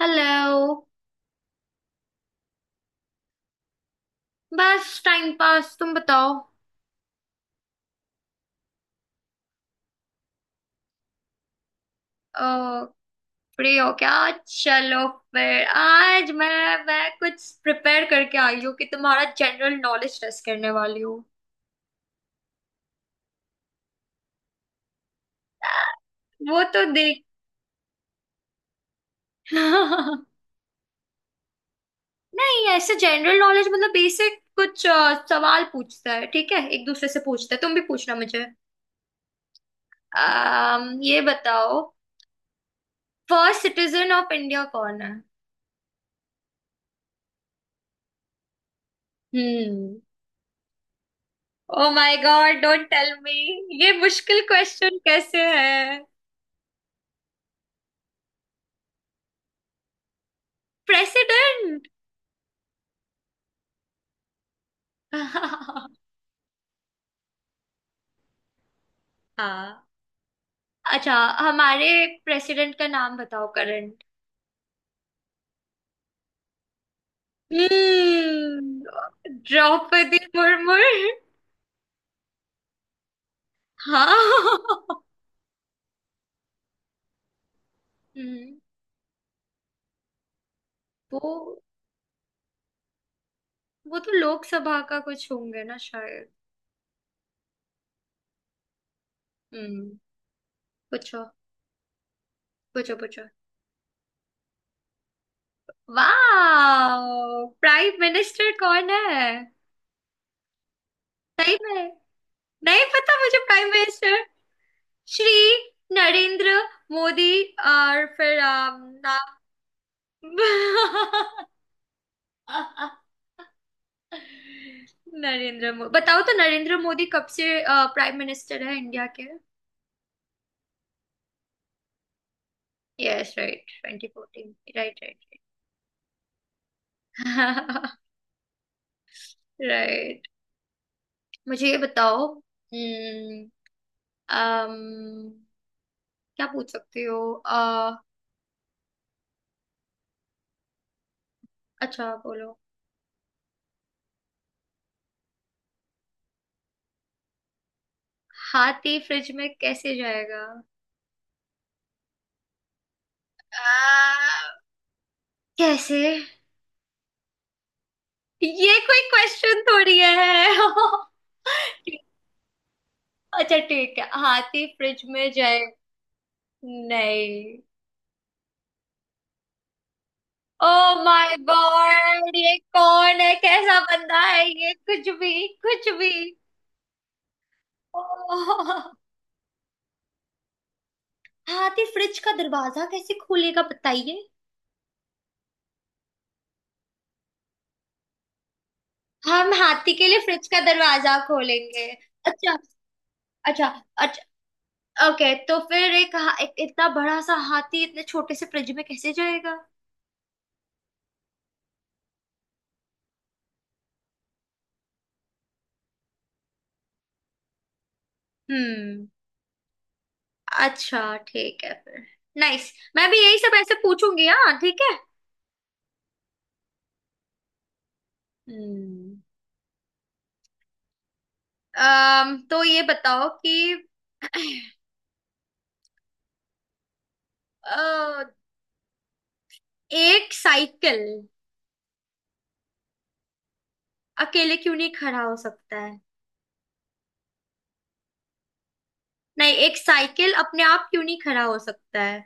Hello. बस time pass, तुम बताओ। अ, फ्री हो क्या? चलो, फिर आज मैं कुछ प्रिपेयर करके आई हूँ कि तुम्हारा जनरल नॉलेज टेस्ट करने वाली हूँ। वो तो देख। नहीं, ऐसे जनरल नॉलेज मतलब बेसिक कुछ सवाल पूछता है, ठीक है? एक दूसरे से पूछता है, तुम भी पूछना मुझे। ये बताओ, फर्स्ट सिटीजन ऑफ इंडिया कौन है? हम्म। Oh my god, don't tell me. ये मुश्किल क्वेश्चन कैसे है? प्रेसिडेंट। हाँ। अच्छा, हमारे प्रेसिडेंट का नाम बताओ, करंट। हम्म, द्रौपदी मुर्मू। हाँ। हम्म। वो वो तो लोकसभा का कुछ होंगे ना शायद। हम्म। पूछो पूछो पूछो। वाह, प्राइम मिनिस्टर कौन है। सही में नहीं पता मुझे प्राइम मिनिस्टर। श्री नरेंद्र मोदी, और फिर नाम। नरेंद्र मोदी। बताओ तो, नरेंद्र मोदी कब से प्राइम मिनिस्टर है इंडिया के? Yes, right, twenty fourteen. Right, right, right. मुझे ये बताओ। हम्म, अम, क्या पूछ सकते हो? अ, अच्छा, बोलो। हाथी फ्रिज में कैसे जाएगा? आ, कैसे? ये कोई क्वेश्चन थोड़ी है। अच्छा ठीक है, हाथी फ्रिज में जाए। नहीं। ओ माय गॉड, ये कौन है, कैसा बंदा है ये, कुछ भी। ओह। हाथी फ्रिज का दरवाजा कैसे खोलेगा बताइए। हम हाथी के लिए फ्रिज का दरवाजा खोलेंगे? अच्छा, अच्छा, अच्छा। ओके, तो फिर एक, एक इतना बड़ा सा हाथी इतने छोटे से फ्रिज में कैसे जाएगा? हम्म। अच्छा ठीक है फिर। नाइस, मैं भी यही सब ऐसे पूछूंगी, हाँ ठीक है। हम्म। तो ये बताओ कि अ, एक साइकिल अकेले क्यों नहीं खड़ा हो सकता है? नहीं, एक साइकिल अपने आप क्यों नहीं खड़ा हो सकता है?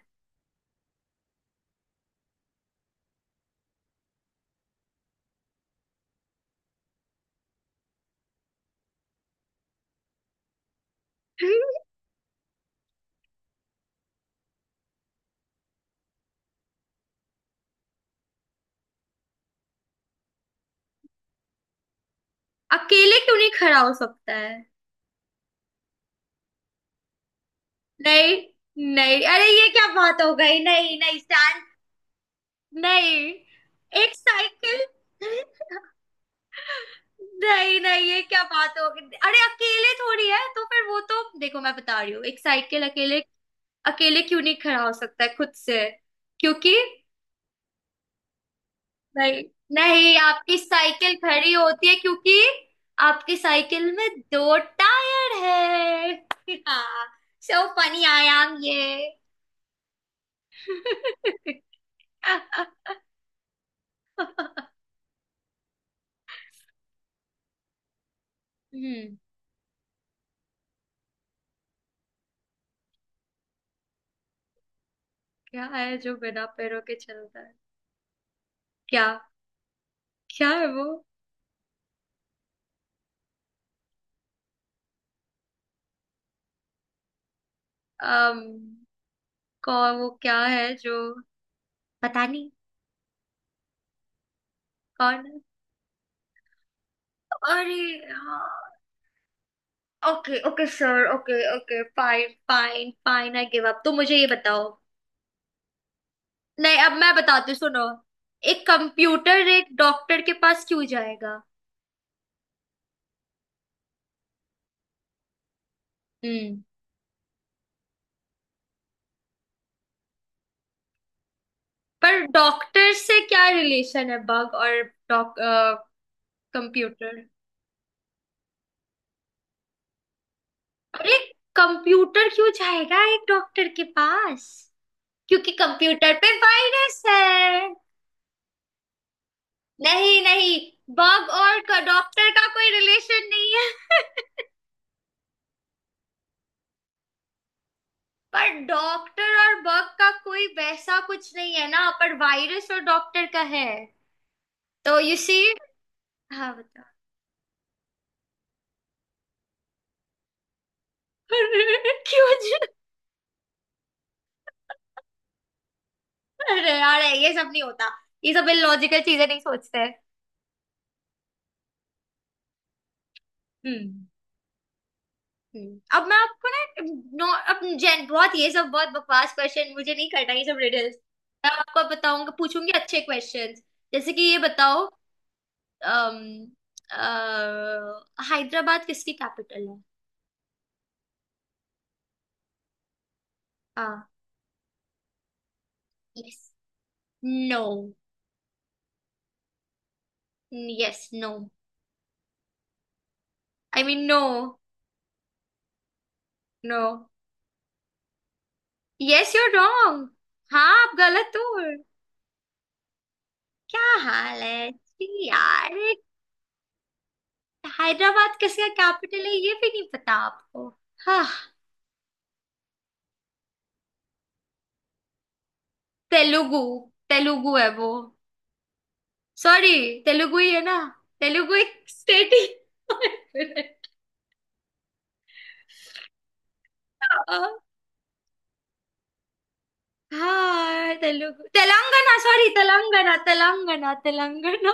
अकेले क्यों नहीं खड़ा हो सकता है? नहीं, नहीं, अरे ये क्या बात हो गई, नहीं नहीं स्टैंड। नहीं, एक साइकिल। नहीं नहीं ये क्या बात हो गई, अरे अकेले थोड़ी है तो फिर वो, तो देखो, मैं बता रही हूँ, एक साइकिल अकेले अकेले क्यों नहीं खड़ा हो सकता है खुद से? क्योंकि, नहीं नहीं, आपकी साइकिल खड़ी होती है क्योंकि आपकी साइकिल में दो टायर है, हाँ। सो फनी, आई एम ये। हम्म। क्या है जो बिना पैरों के चलता है? क्या? क्या है वो? अम कौ वो क्या है जो, पता नहीं कौन है? अरे, हाँ। Okay okay sir, okay okay, fine fine fine, I give up. तो मुझे ये बताओ, नहीं, अब मैं बताती हूँ, सुनो। एक कंप्यूटर एक डॉक्टर के पास क्यों जाएगा? हम्म। पर डॉक्टर से क्या रिलेशन है बग और डॉक कंप्यूटर? अरे, कंप्यूटर क्यों जाएगा एक डॉक्टर के पास? क्योंकि कंप्यूटर पे वायरस है। नहीं नहीं, बग और डॉक्टर का कोई रिलेशन नहीं। पर डॉक्टर और बग का कोई वैसा कुछ नहीं है ना, पर वायरस और डॉक्टर का है। तो यू सी। हाँ, बताओ। अरे, क्यों जी? अरे यार, ये सब नहीं होता, ये सब इलॉजिकल चीजें नहीं सोचते। हम्म। हम्म। अब मैं आपको ना, नो, अब जेन बहुत ये सब बहुत बकवास क्वेश्चन, मुझे नहीं करना ये सब रिडल्स। मैं आपको बताऊंगा, पूछूंगी अच्छे क्वेश्चंस, जैसे कि ये बताओ। अम, हैदराबाद किसकी कैपिटल है? हाँ। Yes. No. Yes no. I mean no. No. Yes you are wrong. हाँ, आप गलत हो। क्या हाल है जी यार। हैदराबाद किसका कैपिटल है ये भी नहीं पता आपको? हाँ। तेलुगु, तेलुगु है वो। सॉरी, तेलुगु ही है ना? तेलुगु एक स्टेट ही। हाँ, Telugu, Telangana, sorry, Telangana Telangana Telangana.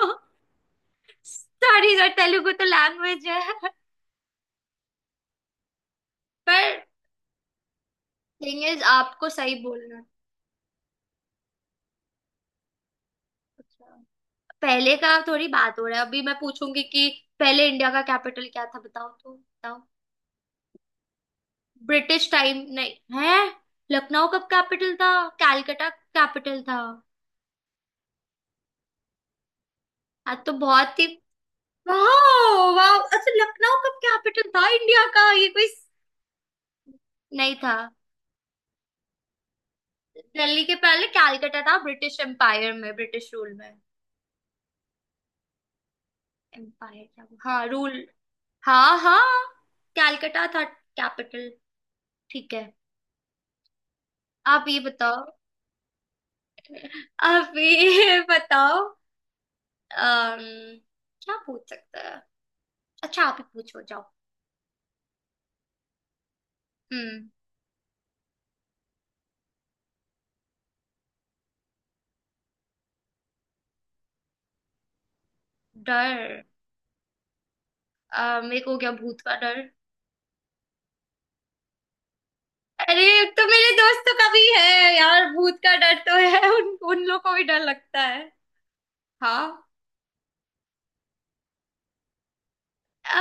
Sorry sir, Telugu तो लैंग्वेज है। पर थिंग इज, आपको सही बोलना है। अच्छा, पहले का थोड़ी बात हो रहा है, अभी मैं पूछूंगी कि पहले इंडिया का कैपिटल क्या था, बताओ तो, बताओ। ब्रिटिश टाइम, नहीं है। लखनऊ कब कैपिटल था? कैलकटा कैपिटल था। आज तो बहुत ही, वाह, वाह। अच्छा, लखनऊ कब कैपिटल था इंडिया का, ये कोई नहीं था। दिल्ली के पहले कैलकटा था, ब्रिटिश एम्पायर में, ब्रिटिश रूल में। एम्पायर क्या, हाँ रूल। हाँ हाँ, कैलकटा था कैपिटल। ठीक है। आप ये बताओ। आप ये बताओ। अम क्या पूछ सकते हैं? अच्छा, आप ही पूछो, जाओ। हम्म। डर। मेरे को हो गया भूत का डर। अरे, तो मेरे दोस्तों का भी है यार भूत का डर तो है, उन उन लोग को भी डर लगता है। हाँ।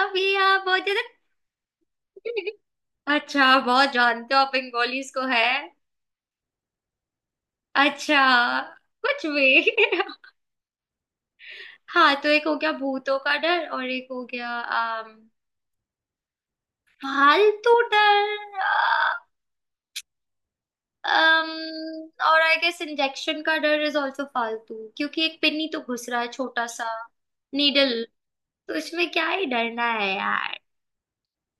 अब ये आप बहुत ज्यादा। अच्छा, बहुत जानते हो आप बंगालीज को है। अच्छा, कुछ भी। हाँ, तो एक हो गया भूतों का डर, और एक हो गया फालतू डर। um, और आई गेस इंजेक्शन का डर इज ऑल्सो फालतू, क्योंकि एक पिन ही तो घुस रहा है, छोटा सा नीडल। तो इसमें क्या ही डरना है यार।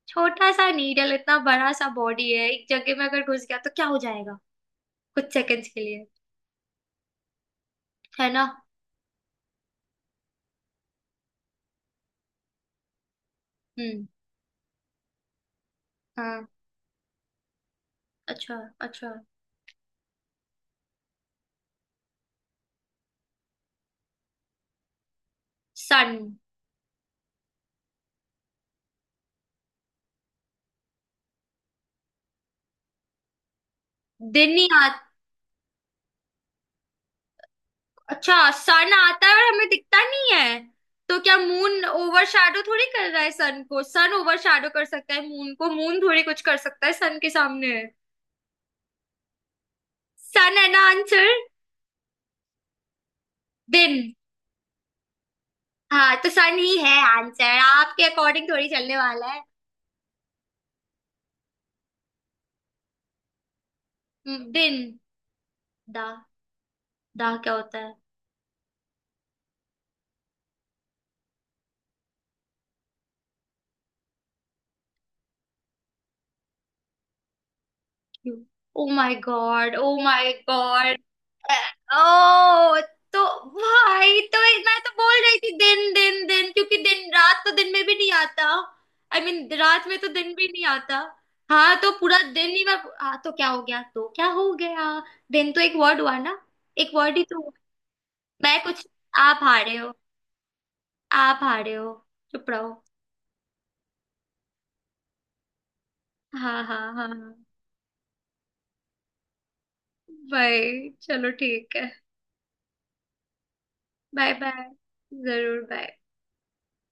छोटा सा नीडल, इतना बड़ा सा बॉडी है, एक जगह में अगर घुस गया तो क्या हो जाएगा, कुछ सेकंड्स के लिए, है ना? हम्म। हाँ। अच्छा, अच्छा। सन। दिन ही आ। अच्छा, सन आता है और हमें दिखता नहीं है? तो क्या मून ओवरशैडो थोड़ी कर रहा है सन को, सन ओवरशैडो कर सकता है मून को, मून थोड़ी कुछ कर सकता है सन के सामने। सन है ना आंसर? दिन। हाँ तो सन ही है। आंसर आपके अकॉर्डिंग थोड़ी चलने वाला है। दिन। दा। दा क्या होता है? Oh my god, oh my god. ओ, तो, भाई तो मैं तो बोल रही थी दिन दिन दिन क्योंकि दिन रात तो दिन में भी नहीं आता। आई I मीन mean, रात में तो दिन भी नहीं आता। हाँ तो पूरा दिन ही, मैं, हाँ तो क्या हो गया, तो क्या हो गया? दिन तो एक वर्ड हुआ ना, एक वर्ड ही तो हुआ। मैं कुछ, आप हारे हो, आप हारे हो, चुप रहो। हाँ हाँ हाँ हाँ। भाई चलो ठीक है। Bye bye. जरूर, बाय।